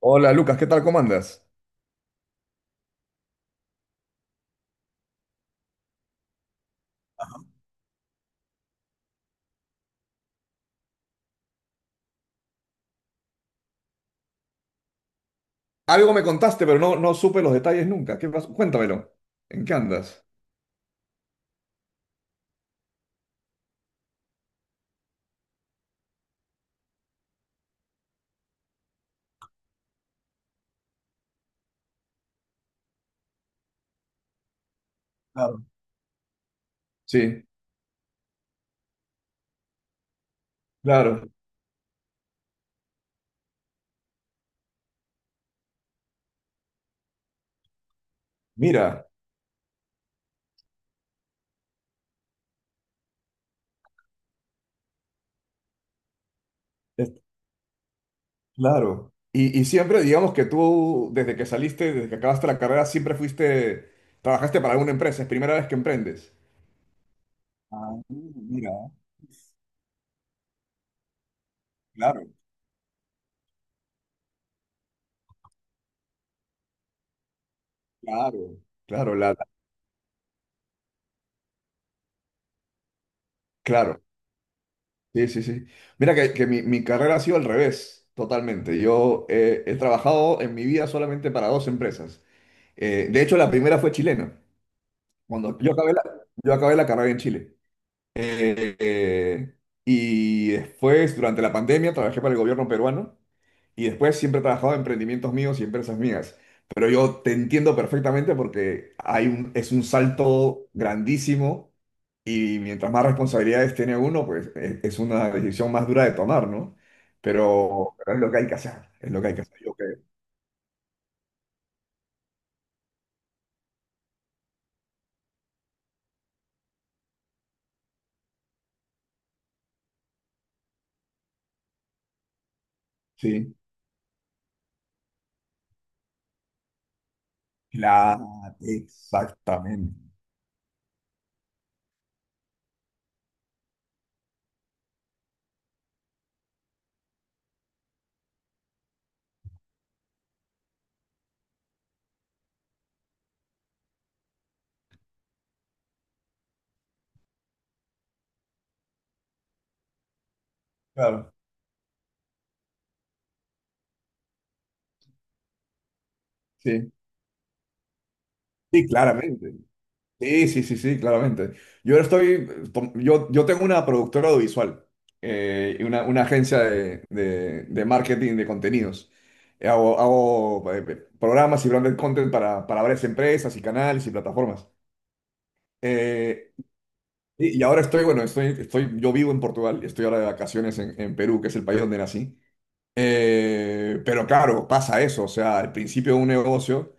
Hola Lucas, ¿qué tal? ¿Cómo andas? Algo me contaste, pero no supe los detalles nunca. ¿Qué pasó? Cuéntamelo. ¿En qué andas? Claro. Sí, claro. Mira, es- claro. Y siempre, digamos que tú, desde que saliste, desde que acabaste la carrera, siempre fuiste, trabajaste para alguna empresa. Es primera vez que emprendes. Ah, mira, claro, claro, claro, claro. Sí, sí, sí. Mira que mi carrera ha sido al revés, totalmente. Yo he trabajado en mi vida solamente para dos empresas. De hecho, la primera fue chilena. Cuando yo acabé la, Yo acabé la carrera en Chile. Eh, eh, y después, durante la pandemia, trabajé para el gobierno peruano y después siempre he trabajado en emprendimientos míos y empresas mías. Pero yo te entiendo perfectamente porque es un salto grandísimo y mientras más responsabilidades tiene uno, pues es una decisión más dura de tomar, ¿no? Pero es lo que hay que hacer, es lo que hay que hacer, yo creo. Sí, claro, exactamente. Claro. Sí, sí, claramente. Sí, sí, sí, sí, claramente. Yo Yo tengo una productora audiovisual y una agencia de marketing de contenidos. Hago, programas y branded content para varias empresas y canales y plataformas. Eh, y ahora estoy, bueno, estoy, yo vivo en Portugal, estoy ahora de vacaciones en Perú, que es el país donde nací. Pero claro, pasa eso, o sea, al principio de un negocio.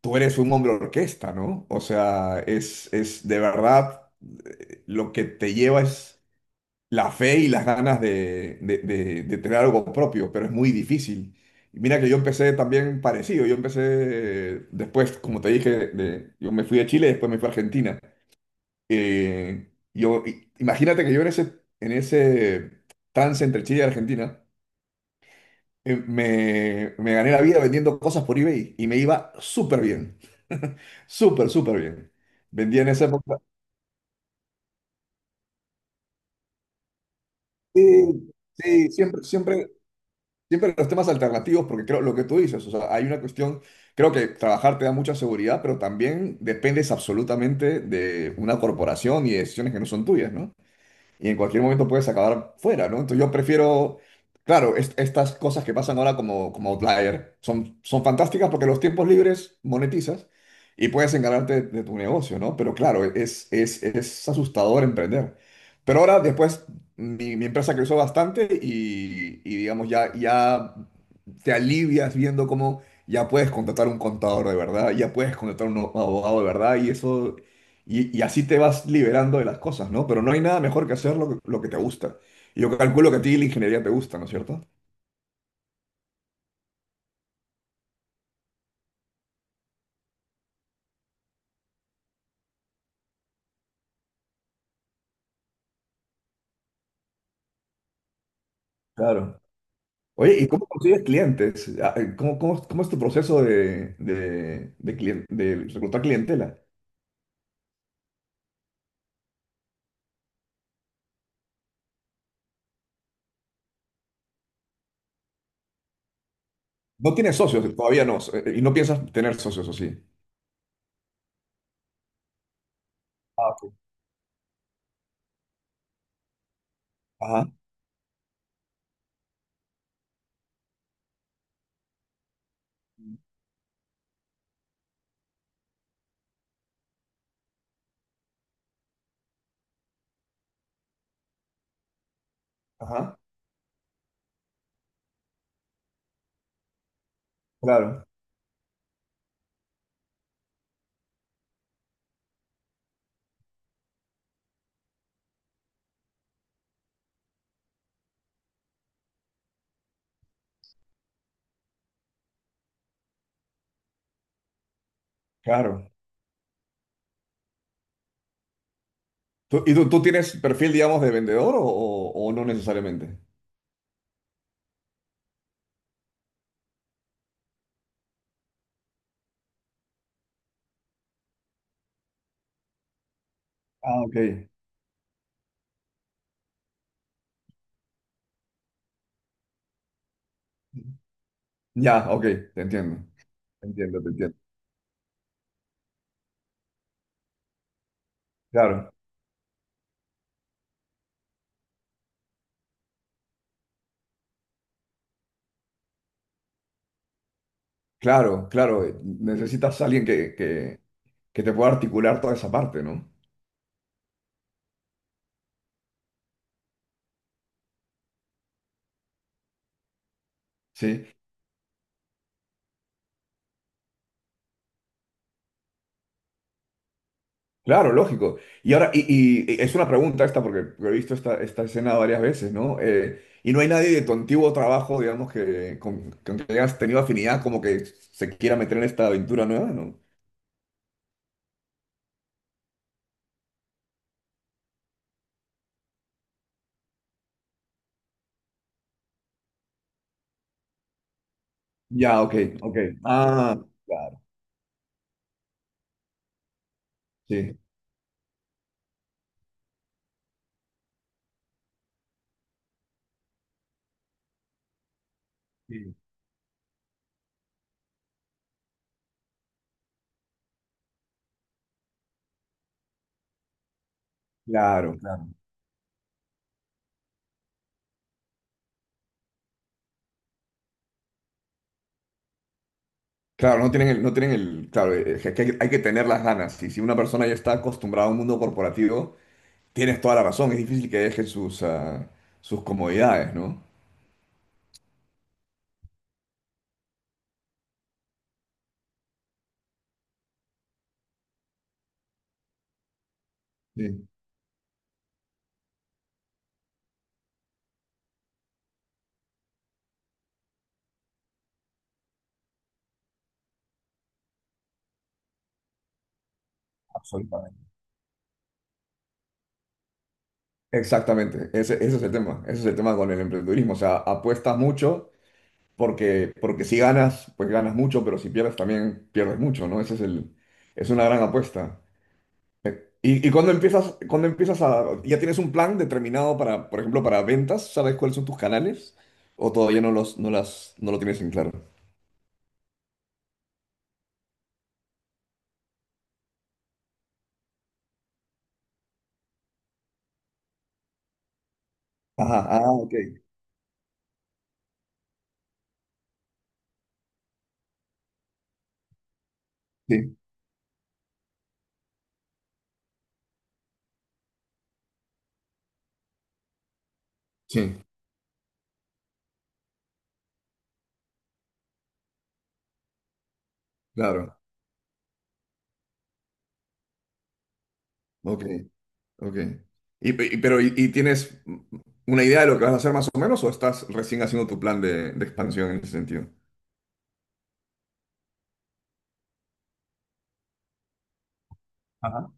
Tú eres un hombre orquesta, ¿no? O sea, es de verdad lo que te lleva es la fe y las ganas de tener algo propio, pero es muy difícil. Y mira que yo empecé también parecido, yo empecé después, como te dije, yo me fui a Chile, después me fui a Argentina. Imagínate que yo en ese trance entre Chile y Argentina, me gané la vida vendiendo cosas por eBay y me iba súper bien. Súper, súper bien. Vendía en esa época. Sí, sí, siempre, siempre, siempre los temas alternativos, porque creo lo que tú dices, o sea, hay una cuestión, creo que trabajar te da mucha seguridad, pero también dependes absolutamente de una corporación y de decisiones que no son tuyas, ¿no? Y en cualquier momento puedes acabar fuera, ¿no? Entonces yo prefiero, claro, estas cosas que pasan ahora como Outlier son fantásticas porque los tiempos libres monetizas y puedes encargarte de tu negocio, ¿no? Pero claro, es asustador emprender. Pero ahora después mi empresa creció bastante y digamos ya, ya te alivias viendo cómo... Ya puedes contratar un contador de verdad, ya puedes contratar un abogado de verdad y eso y así te vas liberando de las cosas, ¿no? Pero no hay nada mejor que hacer lo que te gusta. Y yo calculo que a ti la ingeniería te gusta, ¿no es cierto? Claro. Oye, ¿y cómo consigues clientes? Ah, ¿Cómo es tu proceso de reclutar clientela? No tienes socios, todavía no, y no piensas tener socios, ¿o sí? Ah, ok. Ajá, ajá, claro, claro. Y tú tienes perfil, digamos, de vendedor o no necesariamente? Ah, ok. Ya, ok, te entiendo. Te entiendo, te entiendo. Claro. Claro, claro, necesitas a alguien que te pueda articular toda esa parte, ¿no? Sí, claro, lógico. Y ahora, y es una pregunta esta, porque he visto esta escena varias veces, ¿no? Y no hay nadie de tu antiguo trabajo, digamos, que con que hayas tenido afinidad, como que se quiera meter en esta aventura nueva, ¿no? Ya, ok, ok. Ah, claro, sí. Sí. Claro, claro. Claro, no tienen el, claro, que hay que tener las ganas. Y si una persona ya está acostumbrada a un mundo corporativo. Tienes toda la razón, es difícil que dejen sus, sus comodidades, ¿no? Sí. Absolutamente. Exactamente, ese es el tema, ese es el tema con el emprendedurismo, o sea, apuestas mucho porque si ganas, pues ganas mucho, pero si pierdes también pierdes mucho, ¿no? Ese es el, es una gran apuesta. Y cuando empiezas, ya tienes un plan determinado para, por ejemplo, para ventas, ¿sabes cuáles son tus canales? ¿O todavía no los, no las, no lo tienes en claro? Ajá, ah, ok, sí, sí. Claro, ok. Ok. ¿Y, pero, y tienes una idea de lo que vas a hacer más o menos o estás recién haciendo tu plan de expansión en ese sentido? Ajá.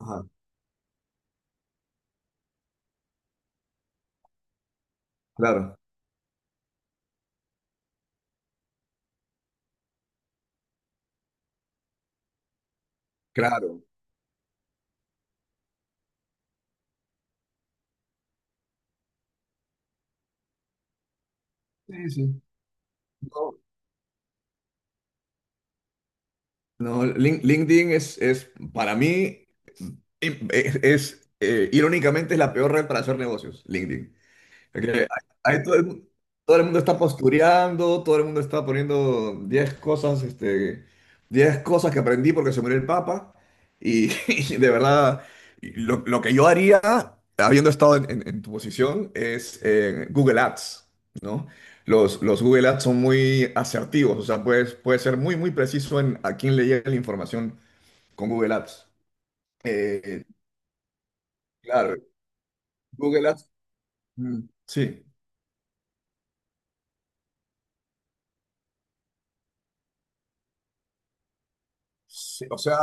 Ajá. Claro, claro. Sí, sí. No, no, LinkedIn es para mí, irónicamente, es la peor red para hacer negocios, LinkedIn. Porque ahí todo el mundo está postureando, todo el mundo está poniendo 10 cosas, 10 cosas que aprendí porque se murió el Papa. Y, y de verdad, lo que yo haría, habiendo estado en tu posición, es Google Ads, ¿no? Los Google Ads son muy asertivos, o sea, puedes ser muy, muy preciso en a quién le llega la información con Google Ads. Eh, claro, Google Ads, mm, sí. Sí, o sea,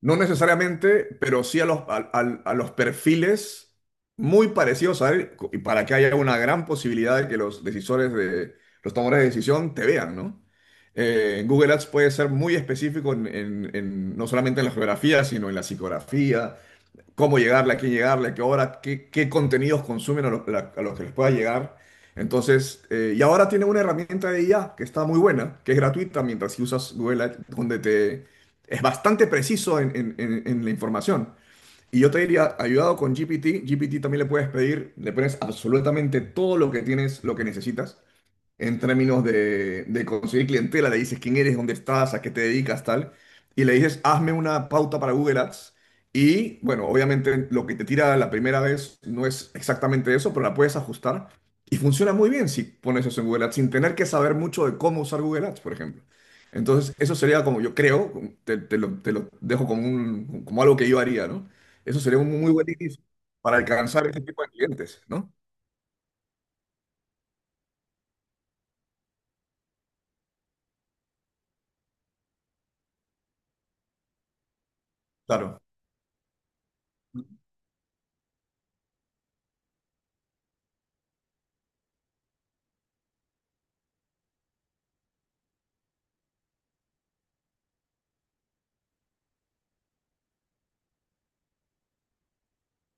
no necesariamente, pero sí a los, a los perfiles muy parecidos a él, y para que haya una gran posibilidad de que los decisores de los tomadores de decisión te vean, ¿no? Google Ads puede ser muy específico no solamente en la geografía, sino en la psicografía, cómo llegarle, a quién llegarle, a qué hora, qué contenidos consumen a los, a los que les pueda llegar. Entonces, y ahora tiene una herramienta de IA que está muy buena, que es gratuita mientras si usas Google Ads, donde te es bastante preciso en la información. Y yo te diría, ayudado con GPT. GPT también le puedes pedir, le pones absolutamente todo lo que tienes, lo que necesitas, en términos de conseguir clientela, le dices quién eres, dónde estás, a qué te dedicas, tal, y le dices, hazme una pauta para Google Ads. Y bueno, obviamente lo que te tira la primera vez no es exactamente eso, pero la puedes ajustar. Y funciona muy bien si pones eso en Google Ads, sin tener que saber mucho de cómo usar Google Ads, por ejemplo. Entonces, eso sería como yo creo, te lo dejo como, como algo que yo haría, ¿no? Eso sería un muy buen inicio para alcanzar ese tipo de clientes, ¿no? Claro.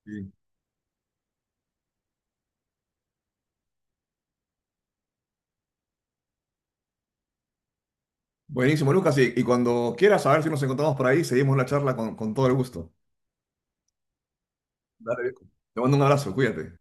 Sí. Buenísimo, Lucas. Y cuando quieras saber si nos encontramos por ahí, seguimos la charla con todo el gusto. Dale, viejo. Te mando un abrazo, cuídate.